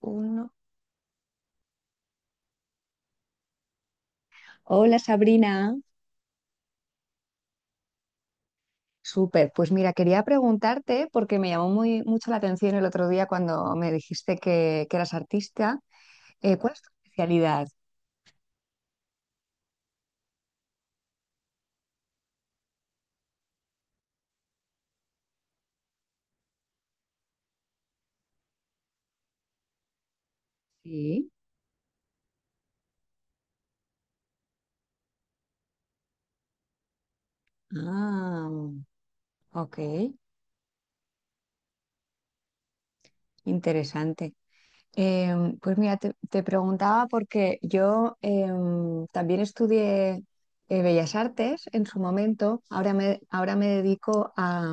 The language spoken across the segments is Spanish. Uno. Hola Sabrina, súper. Pues mira, quería preguntarte porque me llamó mucho la atención el otro día cuando me dijiste que eras artista. ¿Cuál es tu especialidad? Sí. Ah, ok, interesante. Pues mira, te preguntaba porque yo también estudié Bellas Artes en su momento. Ahora me dedico a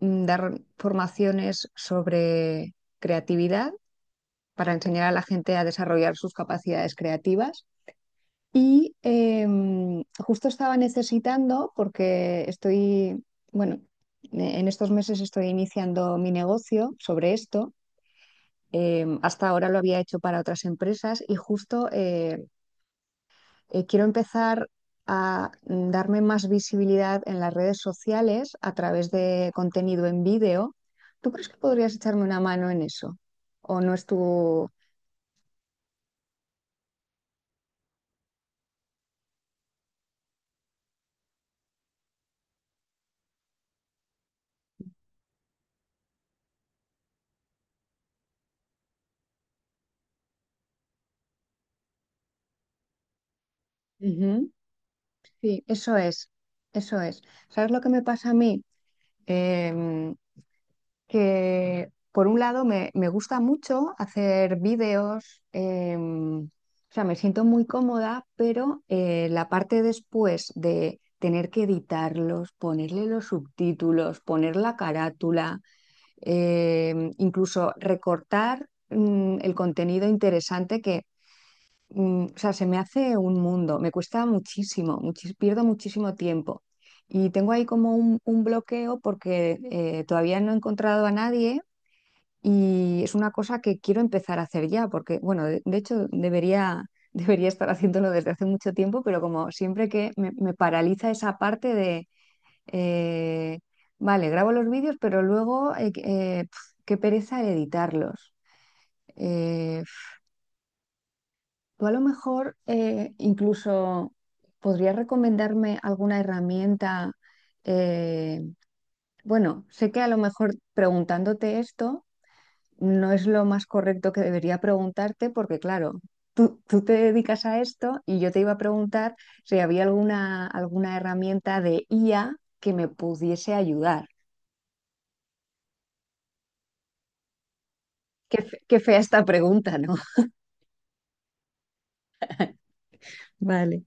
dar formaciones sobre creatividad para enseñar a la gente a desarrollar sus capacidades creativas. Y justo estaba necesitando, porque estoy, bueno, en estos meses estoy iniciando mi negocio sobre esto. Hasta ahora lo había hecho para otras empresas y justo quiero empezar a darme más visibilidad en las redes sociales a través de contenido en vídeo. ¿Tú crees que podrías echarme una mano en eso? ¿O no es tu... Ujú. Sí, eso es, eso es. ¿Sabes lo que me pasa a mí? Em, que por un lado me gusta mucho hacer vídeos, o sea, me siento muy cómoda, pero la parte después de tener que editarlos, ponerle los subtítulos, poner la carátula, incluso recortar, el contenido interesante que o sea, se me hace un mundo, me cuesta muchísimo, pierdo muchísimo tiempo. Y tengo ahí como un bloqueo porque todavía no he encontrado a nadie y es una cosa que quiero empezar a hacer ya, porque, bueno, de hecho debería, debería estar haciéndolo desde hace mucho tiempo, pero como siempre que me paraliza esa parte de, eh, vale, grabo los vídeos, pero luego, qué pereza el editarlos. Eh, Tú a lo mejor incluso podrías recomendarme alguna herramienta. eh, bueno, sé que a lo mejor preguntándote esto no es lo más correcto que debería preguntarte porque claro, tú te dedicas a esto y yo te iba a preguntar si había alguna herramienta de IA que me pudiese ayudar. Qué, qué fea esta pregunta, ¿no? Vale.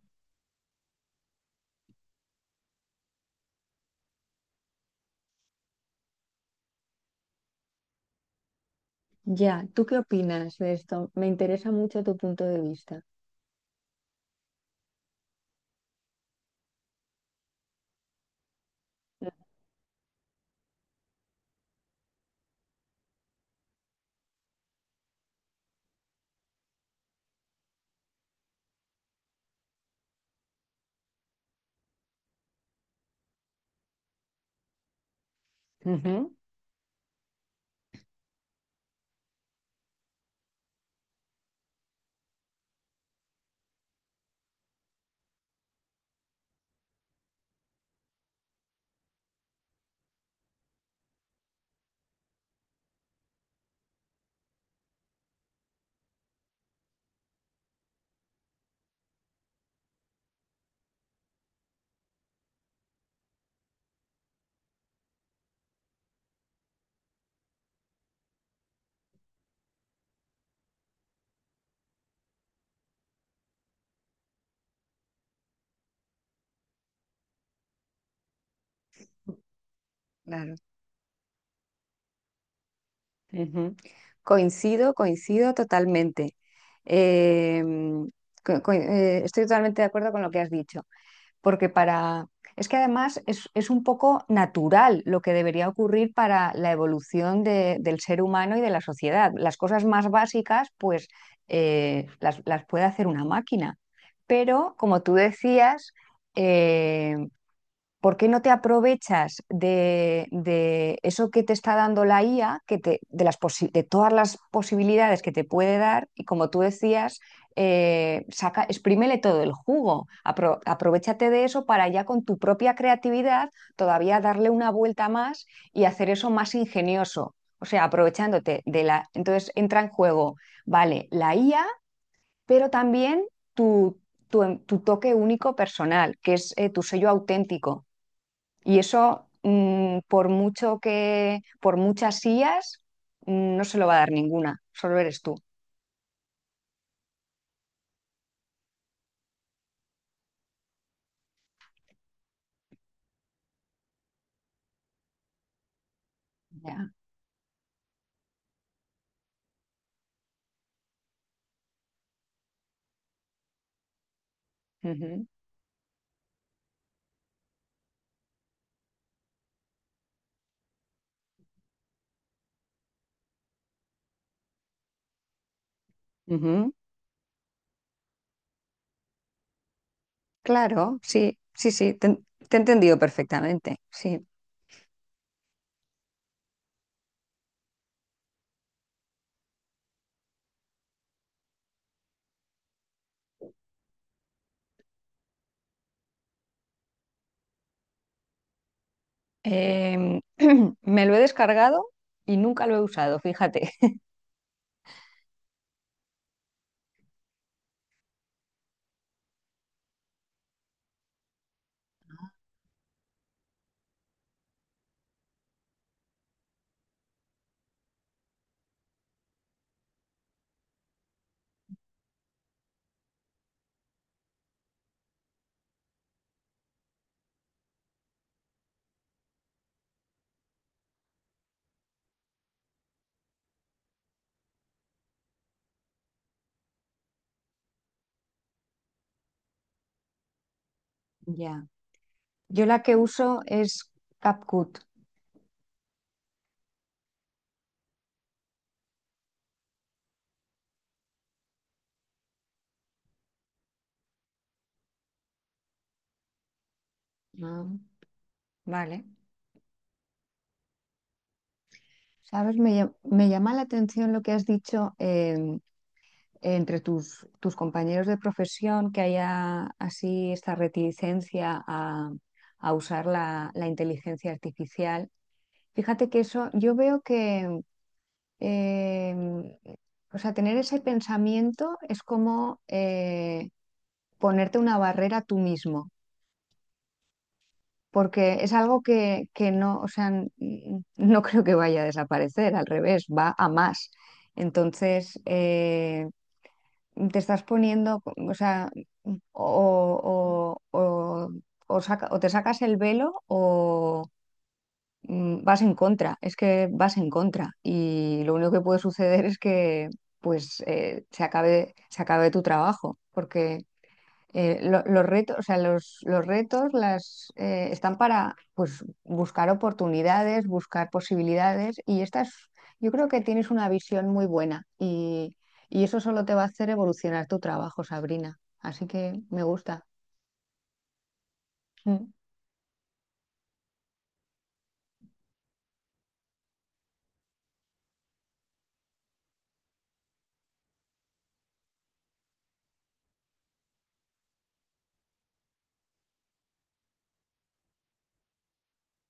Ya, ¿tú qué opinas de esto? Me interesa mucho tu punto de vista. Ujú. Claro. Ujú. Coincido, coincido totalmente. Eh, Estoy totalmente de acuerdo con lo que has dicho, porque para... Es que además es un poco natural lo que debería ocurrir para la evolución del ser humano y de la sociedad. Las cosas más básicas, pues las puede hacer una máquina. Pero, como tú decías, eh, ¿por qué no te aprovechas de eso que te está dando la IA, que te, de, las posi- de todas las posibilidades que te puede dar? Y como tú decías, saca, exprímele todo el jugo, aprovechate de eso para ya con tu propia creatividad todavía darle una vuelta más y hacer eso más ingenioso. O sea, aprovechándote de la... Entonces entra en juego, vale, la IA, pero también tu, tu toque único personal, que es tu sello auténtico y eso, por mucho que, por muchas sillas, no se lo va a dar ninguna, solo eres tú. Ya. Ujú, ujú. Claro, sí, sí, sí, te he entendido perfectamente, sí. Em, me lo he descargado y nunca lo he usado, fíjate. Ya. Yo la que uso es CapCut. Ah, vale. ¿Sabes? Me llama la atención lo que has dicho. Entre tus compañeros de profesión que haya así esta reticencia a usar la inteligencia artificial. Fíjate que eso, yo veo eh, o sea, tener ese pensamiento es como ponerte una barrera tú mismo, porque es algo que no, o sea, no creo que vaya a desaparecer, al revés, va a más. Entonces, te estás poniendo, o sea, mm, o, o, o, o o te sacas el velo o vas en contra, es que vas en contra y lo único que puede suceder es que pues se acabe tu trabajo, porque los retos, o sea, los retos las, están para pues, buscar oportunidades, buscar posibilidades y yo creo que tienes una visión muy buena y eso solo te va a hacer evolucionar tu trabajo, Sabrina. Así que me gusta. Mm.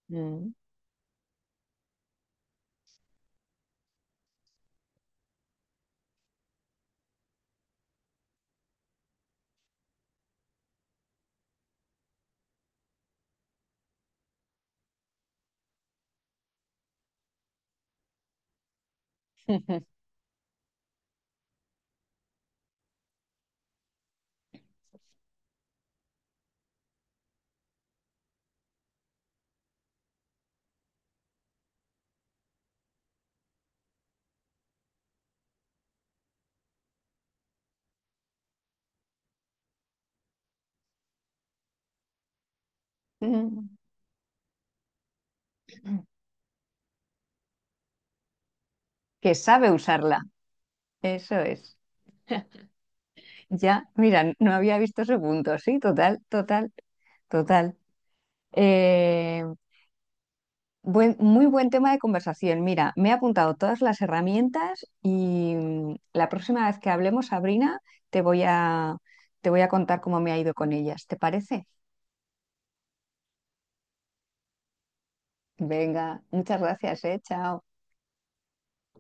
Mm. Que sabe usarla, eso es. Ya, mira, no había visto ese punto, sí, total, total, total. Eh, Muy buen tema de conversación. Mira, me he apuntado todas las herramientas y la próxima vez que hablemos, Sabrina, te voy a, te voy a contar cómo me ha ido con ellas. ¿Te parece? Venga, muchas gracias, eh. Chao.